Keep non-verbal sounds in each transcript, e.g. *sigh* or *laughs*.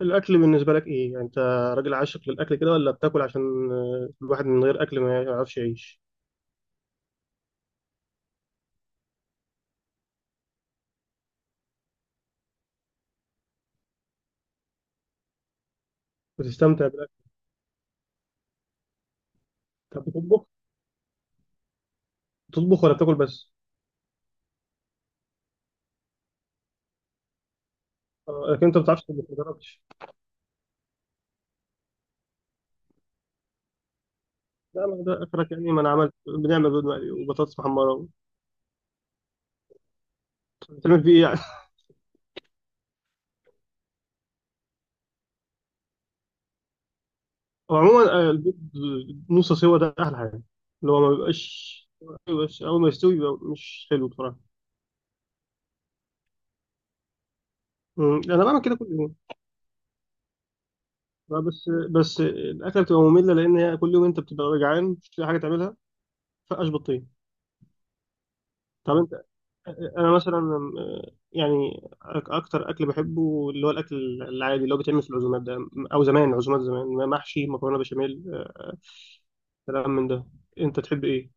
الاكل بالنسبه لك ايه يعني انت راجل عاشق للاكل كده ولا بتاكل عشان الواحد من غير اكل ما يعرفش يعيش. بتستمتع بالاكل؟ طب بتطبخ؟ بتطبخ ولا بتاكل بس؟ لكن انت ما بتعرفش تطبخ، ما جربتش؟ لا ما ده اخرك، يعني ما انا عملت، بنعمل بيض مقلي وبطاطس محمره. بتعمل فيه ايه يعني؟ *laughs* وعموما البيض نص سوا ده احلى حاجه، اللي هو ما بيبقاش. بس اول ما يستوي يبقى مش حلو بصراحه. انا بعمل كده كل يوم. بس الاكله بتبقى ممله لان هي كل يوم انت بتبقى جعان مش لاقي حاجه تعملها. فقش بطين. طب انت، انا مثلا، آه، يعني اكتر اكل بحبه اللي هو الاكل العادي اللي هو بيتعمل في العزومات ده، او زمان عزومات زمان محشي مكرونه بشاميل كلام من ده. انت تحب ايه؟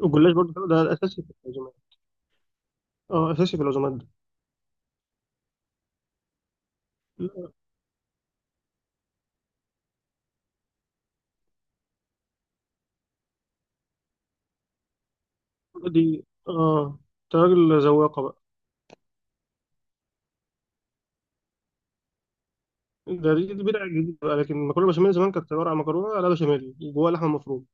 والجلاش برضه ده اساسي في العزومات. اه اساسي في العزومات ده. لا، دي اه انت راجل ذواقه بقى. ده دي دي بدعه جديده بقى، لكن المكرونه بشاميل زمان كانت عباره عن مكرونه لا بشاميل جواها لحمه مفرومه.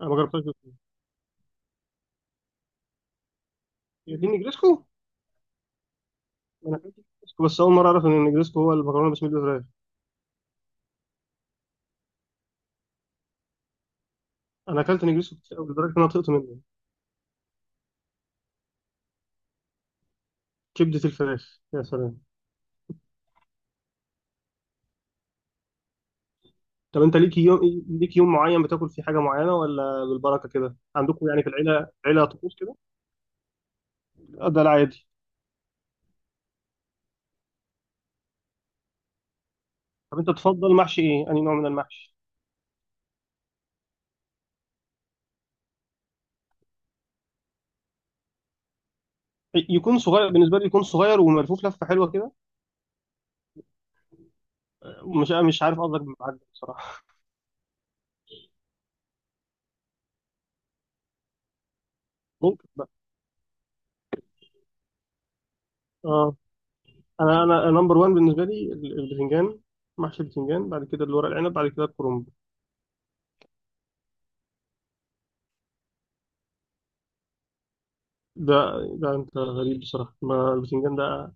انا ما جربتهاش بس- هي دي النجريسكو؟ انا اكلت نجريسكو بس اول مره اعرف ان النجريسكو هو المكرونه بشاميل بالفراخ. انا اكلت نجريسكو كتير أوي لدرجه ان انا طقت منه. كبدة الفراخ، يا سلام. طب انت ليك يوم، ليك يوم معين بتاكل فيه حاجة معينة ولا بالبركة كده عندكم، يعني في العيلة، عيلة طقوس كده؟ ده العادي. طب انت تفضل محشي ايه؟ أنهي نوع من المحشي؟ يكون صغير بالنسبة لي، يكون صغير وملفوف لفة حلوة كده. مش مش عارف قصدك، معجب بصراحة. ممكن بقى. اه انا نمبر 1 بالنسبة لي البتنجان، محشي البتنجان، بعد كده الورق العنب، بعد كده الكرنب. ده ده انت غريب بصراحة، ما البتنجان ده.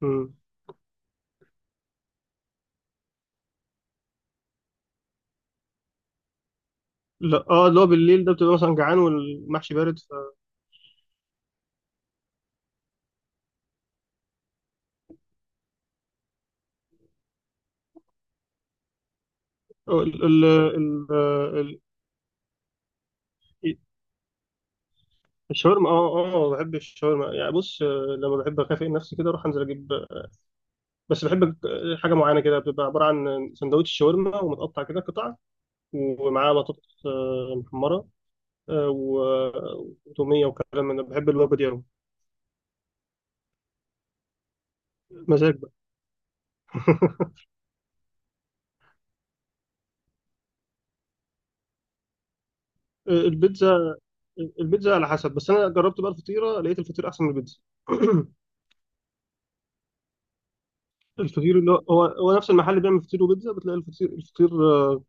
مم. لا اه اللي هو بالليل ده بتبقى مثلا جعان والمحشي بارد. ال ال ال ال- الشاورما اه اه بحب الشاورما، يعني بص لما بحب اكافئ نفسي كده اروح انزل اجيب. بس بحب حاجه معينه كده بتبقى عباره عن سندوتش شاورما ومتقطع كده قطع، ومعاه بطاطس محمره، وتوميه وكلام من ده. بحب الوجبه دي قوي. مزاج بقى. *laughs* البيتزا، البيتزا على حسب، بس انا جربت بقى الفطيره لقيت الفطير احسن من البيتزا. *clears throat* الفطير اللي هو هو نفس المحل اللي بيعمل فطير وبيتزا بتلاقي الفطير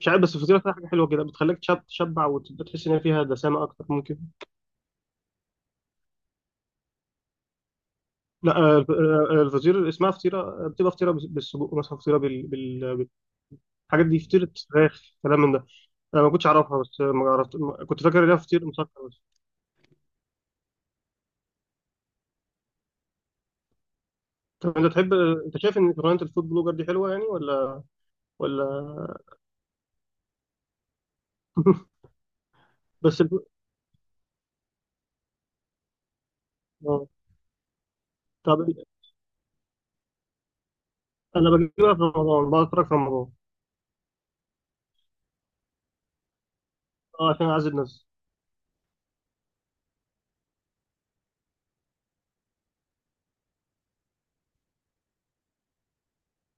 مش عارف، بس الفطيره فيها حاجه حلوه كده بتخليك تشبع وتحس ان هي فيها دسامه اكتر ممكن. لا الفطيره اللي اسمها فطيره بتبقى فطيره بالسجق مثلا، فطيره الحاجات دي، فطيره فراخ، كلام من ده. انا ما كنتش اعرفها، بس آه، ما عرفت ما- كنت فاكر ان هي فطير مسكر بس. طب انت تحب، انت شايف ان شغلانه الفود بلوجر دي حلوه يعني ولا ولا؟ *laughs* بس الب- آه. طب انا بجيبها في رمضان، بقعد اتفرج في رمضان. اه عشان اعزل نفسي.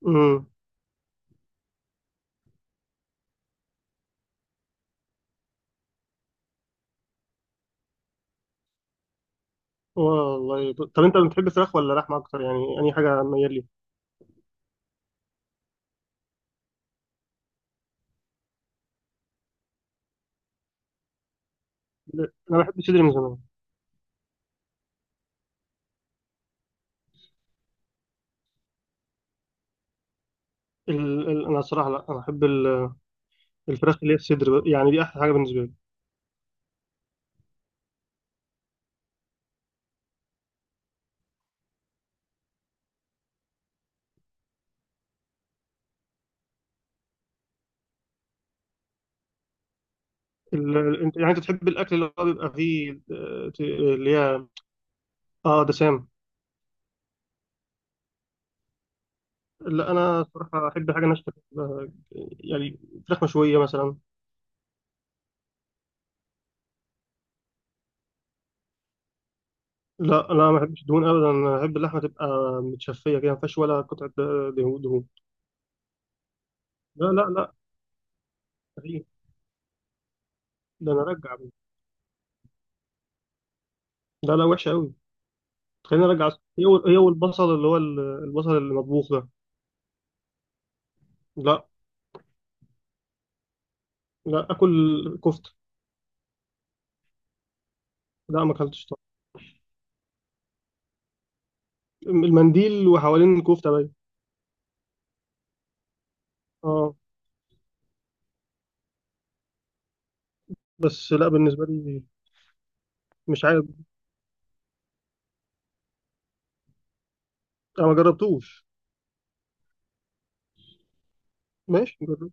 امم. والله طب انت بتحب الفراخ ولا لحمه اكتر يعني؟ اي حاجه ميال لي. انا بحب الصدر من زمان. انا الصراحه، لا انا احب الفراخ اللي هي الصدر بقى. يعني دي احلى حاجه بالنسبه لي. انت يعني انت تحب الاكل اللي هو بيبقى فيه اللي هي اه دسام. لا انا صراحه احب حاجه ناشفه، آه، يعني فراخ مشويه مثلا. لا لا ما احبش دهون ابدا، انا احب اللحمه تبقى متشفيه كده، ما فيهاش ولا قطعه دهون، دهون. لا لا لا مستحيل. ده انا ارجع. لا لا وحشه قوي. تخليني ارجع أصلاً. هي هي والبصل اللي هو البصل المطبوخ ده. لا لا اكل كفته. لا ما اكلتش. المنديل وحوالين الكوفته باين. اه بس لا بالنسبه لي، مش عارف. انا ما جربتوش. ماشي جرب.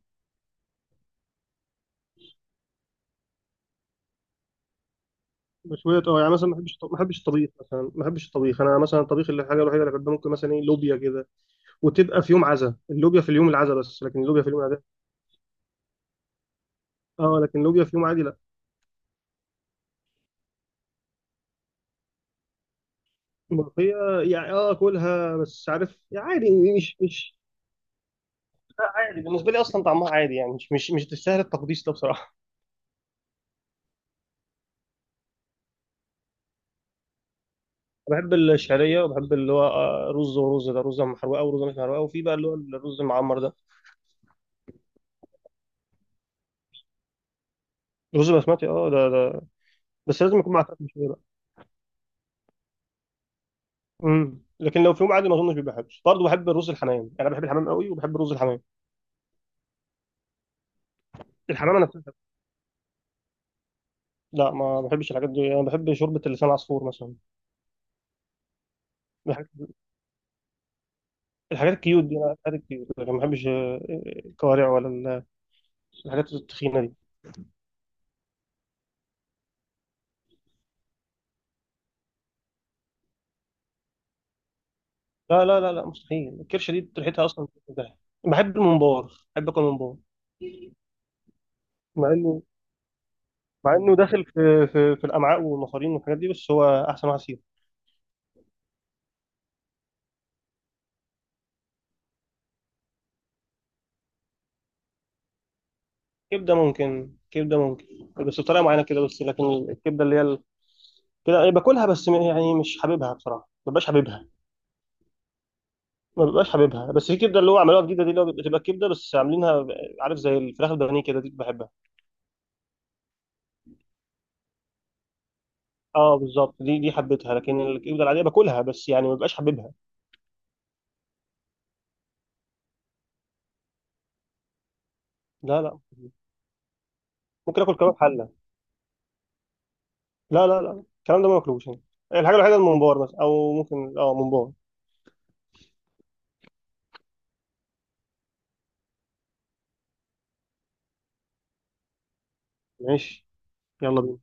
مشويات، اه يعني مثلا ما بحبش، ما بحبش الطبيخ، مثلا ما بحبش الطبيخ، انا مثلا الطبيخ اللي الحاجه الوحيده اللي بحبها ممكن مثلا ايه، لوبيا كده وتبقى في يوم عزا، اللوبيا في اليوم العزا بس، لكن اللوبيا في اليوم العادي. اه لكن اللوبيا في يوم عادي لا. الملوخيه يعني اه اكلها، بس عارف يعني عادي. مش مش عادي بالنسبه لي، اصلا طعمها عادي يعني، مش تستاهل التقديس ده بصراحه. بحب الشعريه وبحب اللي هو رز، ورز ده رز محروقه ورز مش محروقه، وفي بقى اللي هو الرز المعمر ده. رز بسمتي اه، ده بس لازم يكون مع فراخ مشويه بقى. لكن لو في يوم عادي ما اظنش بيبقى حلو. برضه بحب الرز الحمام، يعني انا بحب الحمام قوي وبحب الرز الحمام. الحمام انا بحب. لا ما بحبش الحاجات دي، انا بحب شوربه اللسان العصفور مثلا. الحاجات الحاجات الكيوت دي، انا الحاجات الكيوت، لكن ما بحبش الكوارع ولا الحاجات التخينه دي. لا لا لا لا مستحيل، الكرشه دي ريحتها اصلا بتبقى- بحب الممبار، بحب اكل ممبار. مع انه داخل في الامعاء والمصارين والحاجات دي، بس هو احسن واحد فيهم. كبده ممكن، كبده ممكن، بس بطريقه معينه كده بس. لكن الكبده اللي هي كده إيه، باكلها بس يعني مش حاببها بصراحه، ما ببقاش حاببها، ما ببقاش حاببها. بس في كبده اللي هو عملوها جديده دي، اللي هو بتبقى كبده بس عاملينها عارف زي الفراخ البانيه كده، دي بحبها. اه بالظبط، دي حبيتها، لكن الكبده العاديه باكلها بس يعني ما ببقاش حاببها. لا لا ممكن اكل كباب حله. لا لا لا الكلام ده ما باكلوش هنا. الحاجه الوحيده الممبار مثلا، او ممكن اه ممبار. ماشي، يلا بينا.